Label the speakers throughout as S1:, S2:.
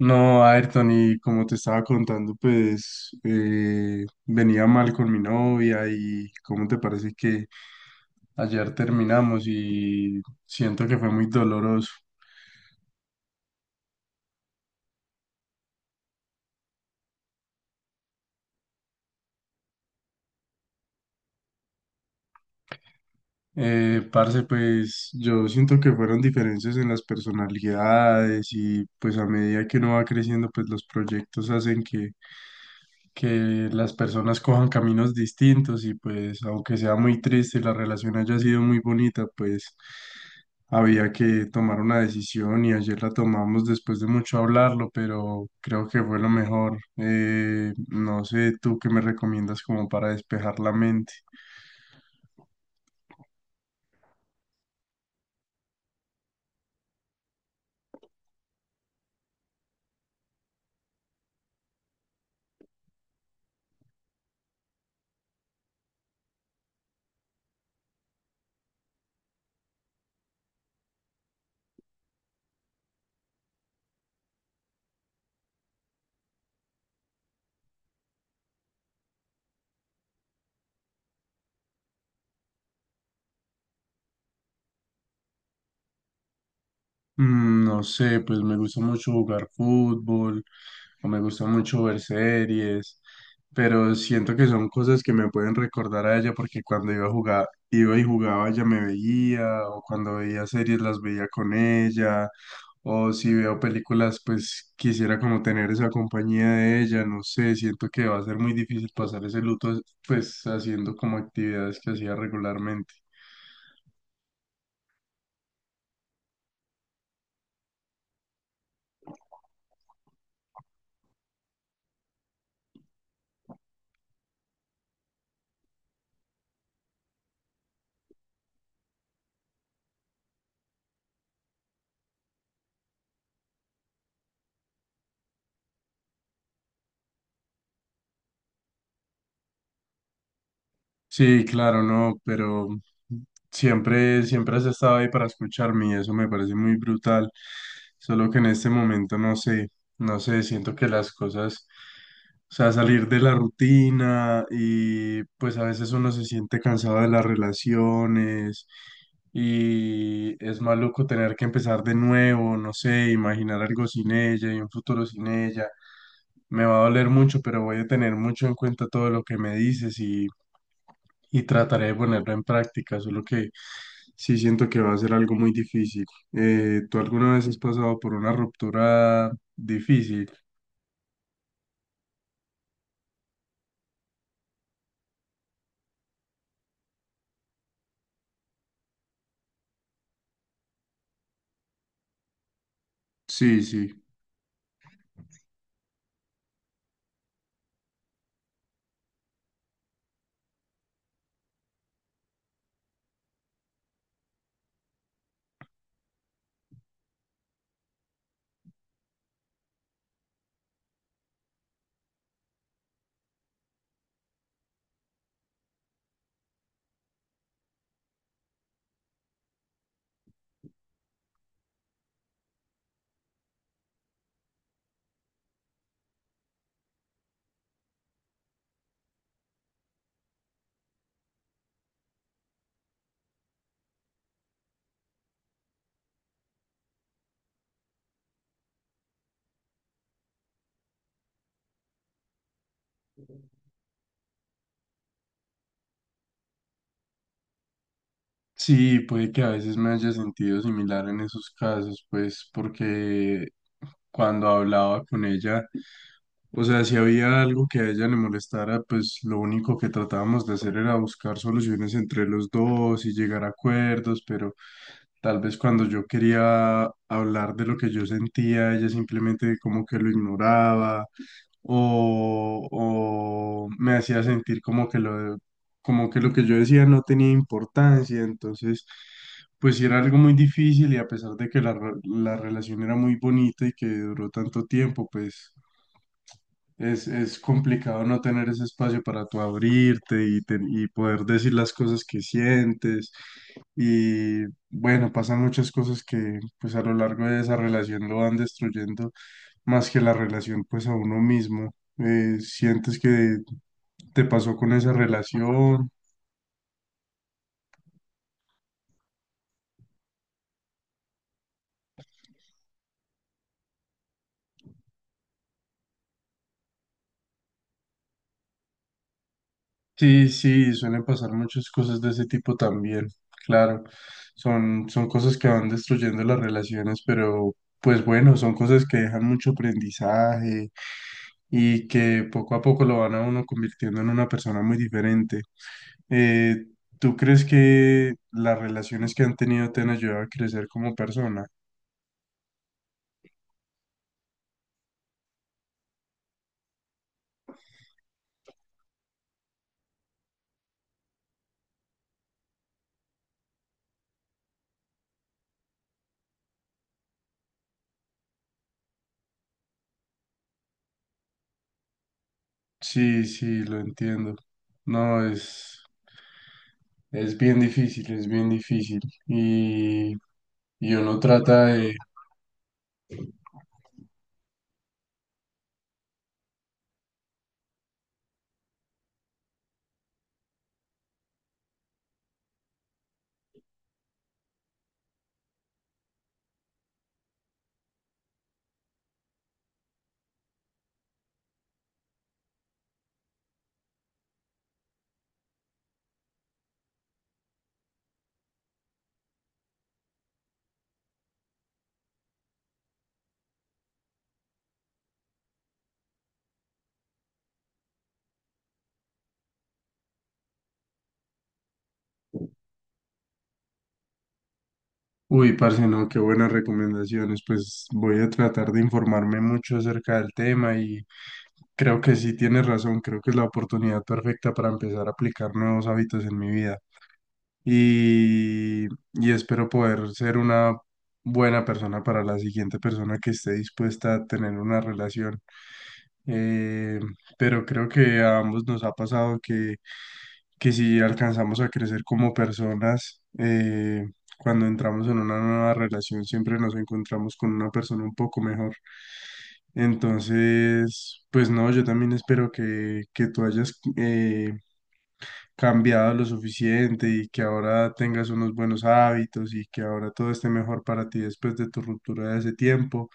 S1: No, Ayrton, y como te estaba contando, pues venía mal con mi novia y cómo te parece que ayer terminamos y siento que fue muy doloroso. Parce, pues yo siento que fueron diferencias en las personalidades y pues a medida que uno va creciendo, pues los proyectos hacen que las personas cojan caminos distintos y pues aunque sea muy triste y la relación haya sido muy bonita, pues había que tomar una decisión y ayer la tomamos después de mucho hablarlo, pero creo que fue lo mejor. No sé, tú qué me recomiendas como para despejar la mente. No sé, pues me gusta mucho jugar fútbol o me gusta mucho ver series, pero siento que son cosas que me pueden recordar a ella porque cuando iba a jugar, iba y jugaba, ella me veía, o cuando veía series las veía con ella, o si veo películas, pues quisiera como tener esa compañía de ella, no sé, siento que va a ser muy difícil pasar ese luto pues haciendo como actividades que hacía regularmente. Sí, claro, no, pero siempre has estado ahí para escucharme y eso me parece muy brutal. Solo que en este momento no sé, no sé, siento que las cosas, o sea, salir de la rutina y pues a veces uno se siente cansado de las relaciones. Y es maluco tener que empezar de nuevo, no sé, imaginar algo sin ella y un futuro sin ella. Me va a doler mucho, pero voy a tener mucho en cuenta todo lo que me dices y trataré de ponerlo en práctica, solo que sí siento que va a ser algo muy difícil. ¿Tú alguna vez has pasado por una ruptura difícil? Sí, sí. Sí, puede que a veces me haya sentido similar en esos casos, pues porque cuando hablaba con ella, o sea, si había algo que a ella le molestara, pues lo único que tratábamos de hacer era buscar soluciones entre los dos y llegar a acuerdos, pero tal vez cuando yo quería hablar de lo que yo sentía, ella simplemente como que lo ignoraba o me hacía sentir como que como que lo que yo decía no tenía importancia, entonces pues sí era algo muy difícil y a pesar de que la relación era muy bonita y que duró tanto tiempo, pues es complicado no tener ese espacio para tú abrirte y poder decir las cosas que sientes y bueno, pasan muchas cosas que pues a lo largo de esa relación lo van destruyendo más que la relación pues a uno mismo. ¿Sientes que te pasó con esa relación? Sí, sí, suelen pasar muchas cosas de ese tipo también, claro. Son cosas que van destruyendo las relaciones, pero pues bueno, son cosas que dejan mucho aprendizaje y que poco a poco lo van a uno convirtiendo en una persona muy diferente. Eh, ¿Tú crees que las relaciones que han tenido te han ayudado a crecer como persona? Sí, sí, lo entiendo. No, es bien difícil, es bien difícil. Y, y uno trata de... Uy, parce, no, qué buenas recomendaciones. Pues voy a tratar de informarme mucho acerca del tema y creo que sí tienes razón, creo que es la oportunidad perfecta para empezar a aplicar nuevos hábitos en mi vida. Y, y espero poder ser una buena persona para la siguiente persona que esté dispuesta a tener una relación. Eh, pero creo que a ambos nos ha pasado que si alcanzamos a crecer como personas, cuando entramos en una nueva relación siempre nos encontramos con una persona un poco mejor. Entonces, pues no, yo también espero que tú hayas cambiado lo suficiente y que ahora tengas unos buenos hábitos y que ahora todo esté mejor para ti después de tu ruptura de ese tiempo.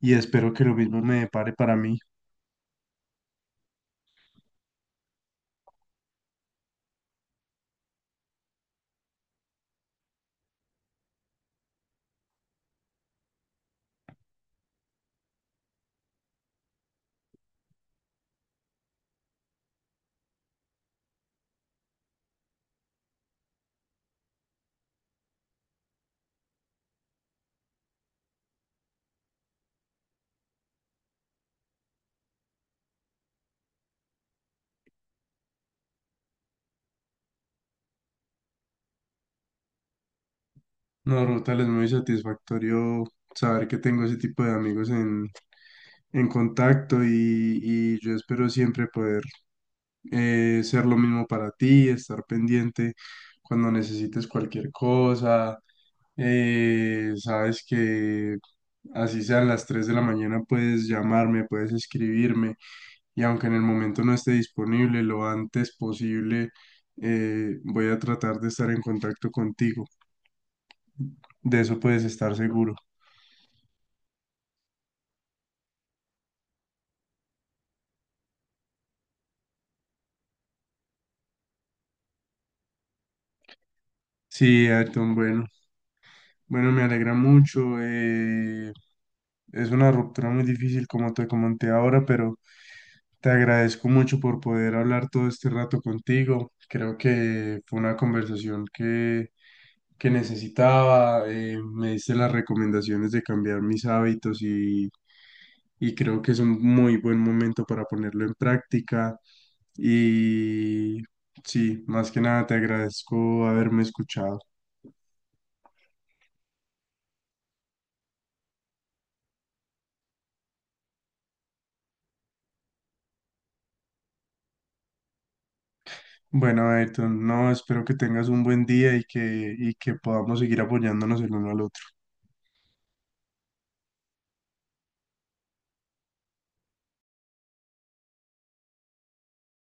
S1: Y espero que lo mismo me depare para mí. No, Rotal, es muy satisfactorio saber que tengo ese tipo de amigos en contacto y yo espero siempre poder ser lo mismo para ti, estar pendiente cuando necesites cualquier cosa. Sabes que así sean las 3 de la mañana, puedes llamarme, puedes escribirme y aunque en el momento no esté disponible, lo antes posible, voy a tratar de estar en contacto contigo. De eso puedes estar seguro. Sí, Ayrton, bueno, me alegra mucho. Es una ruptura muy difícil, como te comenté ahora, pero te agradezco mucho por poder hablar todo este rato contigo. Creo que fue una conversación que necesitaba. Me diste las recomendaciones de cambiar mis hábitos y creo que es un muy buen momento para ponerlo en práctica. Y sí, más que nada te agradezco haberme escuchado. Bueno, Ayrton, no, espero que tengas un buen día y y que podamos seguir apoyándonos el uno al otro.